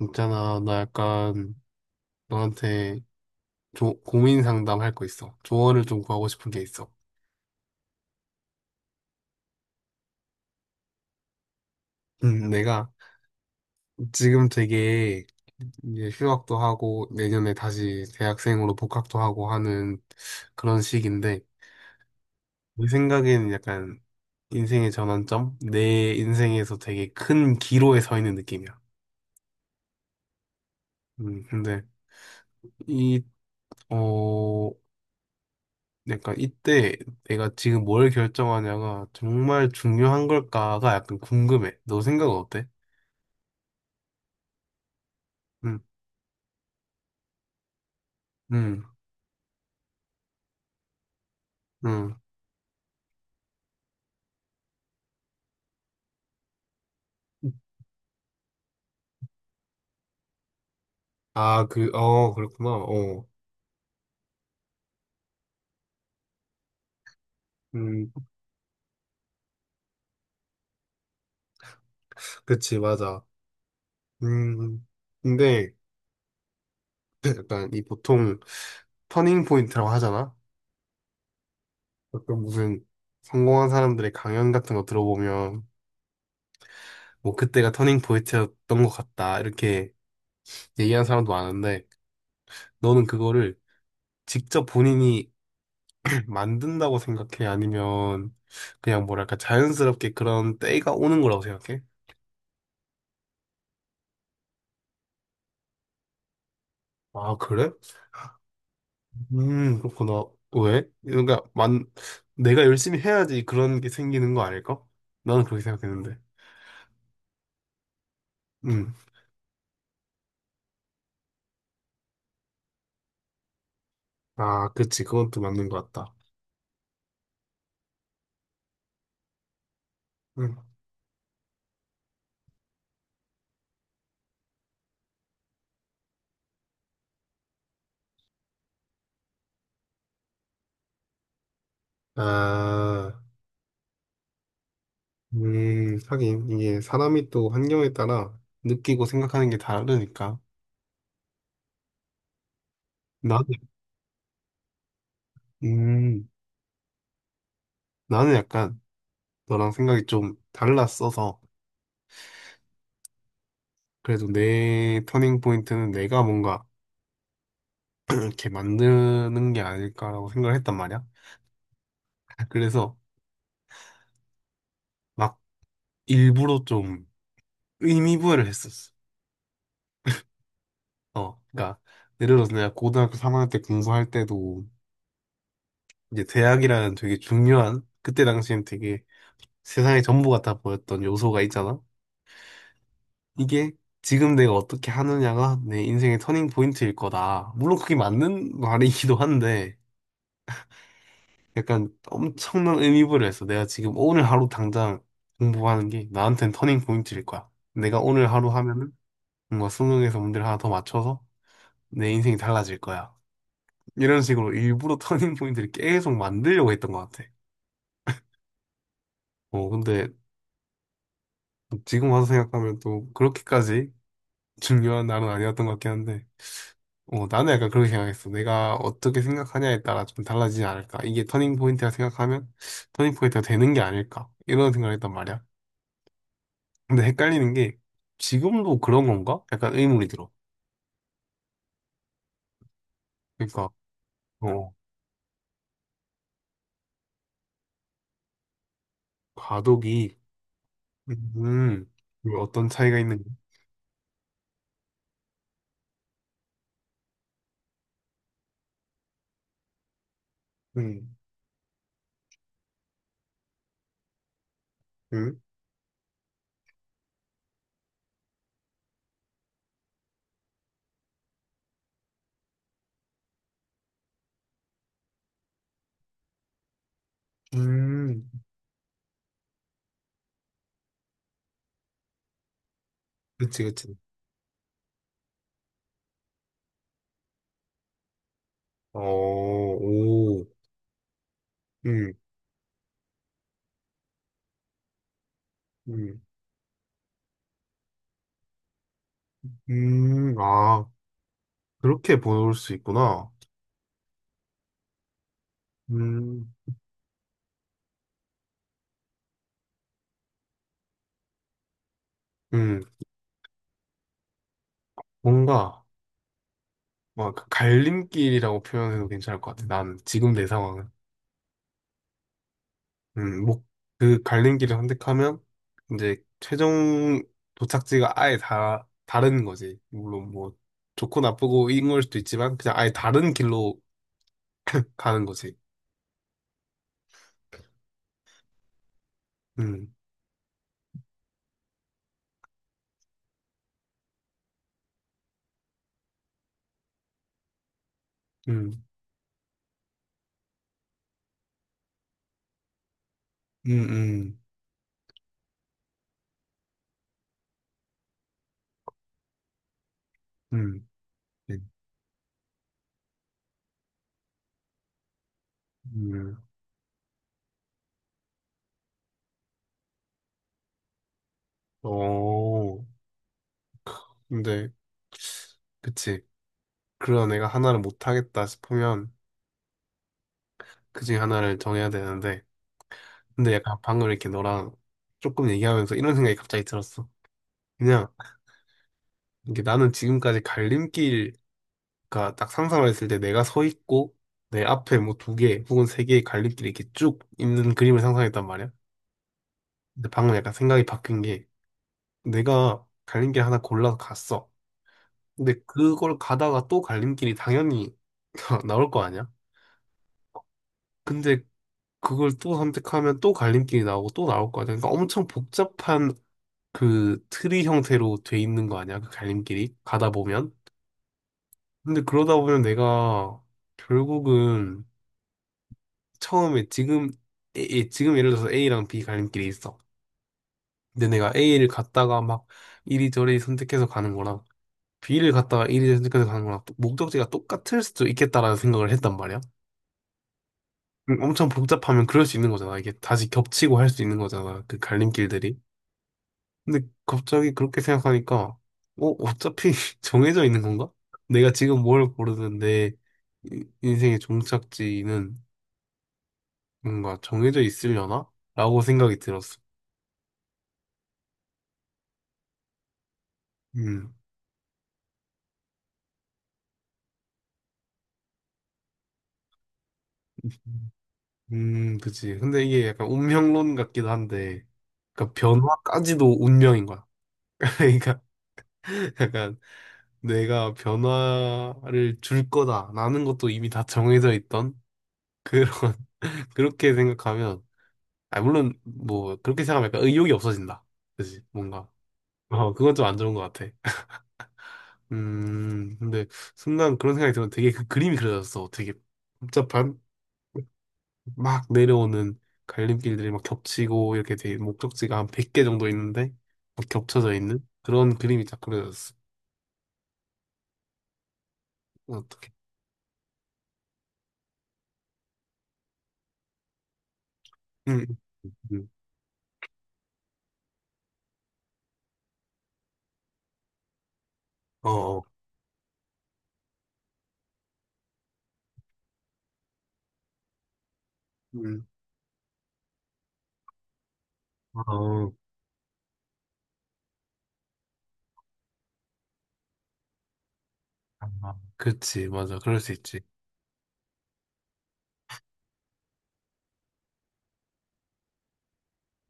있잖아, 나 약간 너한테 고민 상담할 거 있어. 조언을 좀 구하고 싶은 게 있어. 내가 지금 되게 이제 휴학도 하고 내년에 다시 대학생으로 복학도 하고 하는 그런 시기인데 내 생각에는 약간 인생의 전환점? 내 인생에서 되게 큰 기로에 서 있는 느낌이야. 근데 이, 어, 그러니까 이때 내가 지금 뭘 결정하냐가 정말 중요한 걸까가 약간 궁금해. 너 생각은 어때? 응, 응, 응. 아, 그, 어, 그렇구나. 어, 음, 그치, 맞아. 음, 근데 약간 이 보통 터닝 포인트라고 하잖아. 어떤 무슨 성공한 사람들의 강연 같은 거 들어보면 뭐 그때가 터닝 포인트였던 것 같다 이렇게 얘기하는 사람도 많은데 너는 그거를 직접 본인이 만든다고 생각해? 아니면 그냥 뭐랄까 자연스럽게 그런 때가 오는 거라고 생각해? 아, 그래? 그렇구나. 왜? 그러니까 만 내가 열심히 해야지 그런 게 생기는 거 아닐까? 나는 그렇게 생각했는데. 음. 아, 그치. 그건 또 맞는 것 같다. 음. 아, 하긴 이게 사람이 또 환경에 따라 느끼고 생각하는 게 다르니까. 나는, 음, 나는 약간 너랑 생각이 좀 달랐어서. 그래도 내 터닝 포인트는 내가 뭔가 이렇게 만드는 게 아닐까라고 생각을 했단 말이야. 그래서 막 일부러 좀 의미 부여를 했었어. 어, 그러니까 예를 들어서 내가 고등학교 3학년 때 공부할 때도 이제 대학이라는 되게 중요한 그때 당시엔 되게 세상의 전부 같아 보였던 요소가 있잖아. 이게 지금 내가 어떻게 하느냐가 내 인생의 터닝 포인트일 거다. 물론 그게 맞는 말이기도 한데. 약간 엄청난 의미부여했어. 내가 지금 오늘 하루 당장 공부하는 게 나한테는 터닝 포인트일 거야. 내가 오늘 하루 하면은 뭔가 수능에서 문제를 하나 더 맞춰서 내 인생이 달라질 거야. 이런 식으로 일부러 터닝 포인트를 계속 만들려고 했던 것 같아. 어, 근데 지금 와서 생각하면 또 그렇게까지 중요한 날은 아니었던 것 같긴 한데, 어, 나는 약간 그렇게 생각했어. 내가 어떻게 생각하냐에 따라 좀 달라지지 않을까. 이게 터닝 포인트라 생각하면 터닝 포인트가 되는 게 아닐까. 이런 생각을 했단 말이야. 근데 헷갈리는 게 지금도 그런 건가? 약간 의문이 들어. 그러니까 어 과도기 음 이거 어떤 차이가 있는지 음, 음, 음, 그치, 그치. 어, 오, 음, 음, 아, 그렇게 볼 수 있구나. 음, 음, 뭔가, 막, 갈림길이라고 표현해도 괜찮을 것 같아. 난, 지금 내 상황은. 목, 그 갈림 길을 선택하면 이제 최종 도착지가 아예 다 다른 거지. 물론 뭐 좋고 나쁘고 이런 걸 수도 있지만 그냥 아예 다른 길로 가는 거지. 음, 음, 음, 음, 음, 음. 음. 어, 근데 그치. 그런 애가 하나를 못 하겠다 싶으면 그중에 하나를 정해야 되는데 근데 약간 방금 이렇게 너랑 조금 얘기하면서 이런 생각이 갑자기 들었어. 그냥 이게 나는 지금까지 갈림길 그러니까 딱 상상을 했을 때 내가 서 있고 내 앞에 뭐 두 개 혹은 세 개의 갈림길이 이렇게 쭉 있는 그림을 상상했단 말이야. 근데 방금 약간 생각이 바뀐 게 내가 갈림길 하나 골라서 갔어. 근데 그걸 가다가 또 갈림길이 당연히 나올 거 아니야? 근데 그걸 또 선택하면 또 갈림길이 나오고 또 나올 거 아니야? 그러니까 엄청 복잡한 그 트리 형태로 돼 있는 거 아니야? 그 갈림길이 가다 보면. 근데 그러다 보면 내가 결국은 처음에 지금 지금 예를 들어서 A랑 B 갈림길이 있어. 근데 내가 A를 갔다가 막 이리저리 선택해서 가는 거랑 B를 갔다가 이리저리 선택해서 가는 거랑 또 목적지가 똑같을 수도 있겠다라는 생각을 했단 말이야. 엄청 복잡하면 그럴 수 있는 거잖아. 이게 다시 겹치고 할 수 있는 거잖아. 그 갈림길들이. 근데 갑자기 그렇게 생각하니까 어, 어차피 정해져 있는 건가? 내가 지금 뭘 고르는데 인생의 종착지는 뭔가 정해져 있으려나? 라고 생각이 들었어. 음. 그치. 근데 이게 약간 운명론 같기도 한데, 그러니까 변화까지도 운명인 거야. 그러니까 약간 내가 변화를 줄 거다라는 것도 이미 다 정해져 있던 그런 그렇게 생각하면, 아 물론 뭐 그렇게 생각하면 약간 의욕이 없어진다. 그치? 뭔가. 어, 그건 좀 안 좋은 것 같아. 근데 순간 그런 생각이 들면 되게 그 그림이 그려졌어. 되게 복잡한. 막 내려오는 갈림길들이 막 겹치고 이렇게 돼 목적지가 한 100개 정도 있는데 막 겹쳐져 있는 그런 그림이 딱 그려졌어. 어떻게? 응, 응, 응. 어, 어, 응, 어, 아, 그치, 맞아, 그럴 수 있지.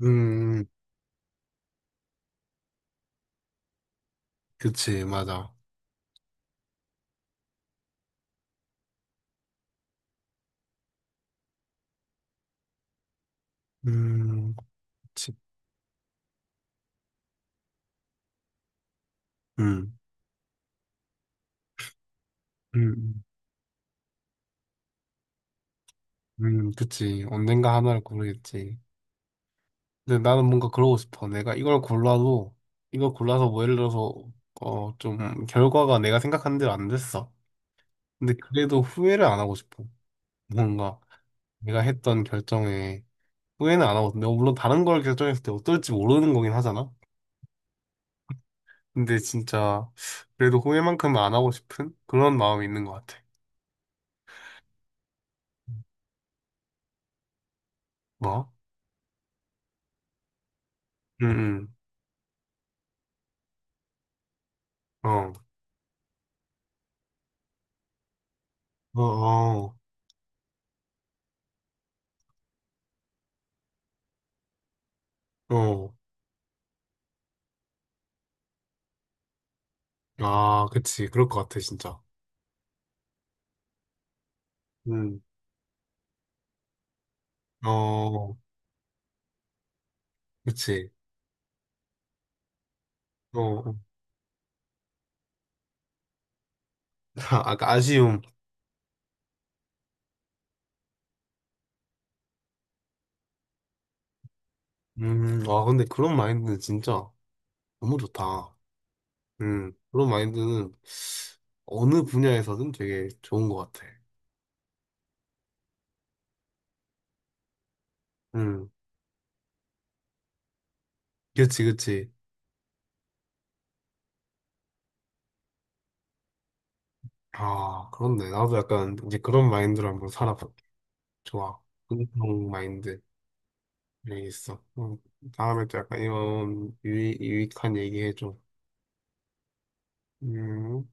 음, 그치, 맞아. 음, 그치, 응 음, 그치. 언젠가 하나를 고르겠지. 근데 나는 뭔가 그러고 싶어. 내가 이걸 골라도 이걸 골라서 뭐 예를 들어서 어, 좀 결과가 내가 생각한 대로 안 됐어. 근데 그래도 후회를 안 하고 싶어. 뭔가 내가 했던 결정에 후회는 안 하고, 내가 물론 다른 걸 결정했을 때 어떨지 모르는 거긴 하잖아. 근데 진짜 그래도 후회만큼은 안 하고 싶은 그런 마음이 있는 것 같아. 뭐? 응, 응. 어, 어, 어, 어. 아, 그치. 그럴 것 같아, 진짜. 응, 어, 그치. 어, 아까 아쉬움. 아, 근데 그런 마인드는 진짜 너무 좋다. 그런 마인드는 어느 분야에서든 되게 좋은 것 같아. 음, 그치, 그치. 아, 그렇네. 나도 약간 이제 그런 마인드로 한번 살아볼게. 좋아. 긍정 마인드. 여기 있어. 다음에 또 약간 이런 유익, 유익한 얘기 해줘. 음.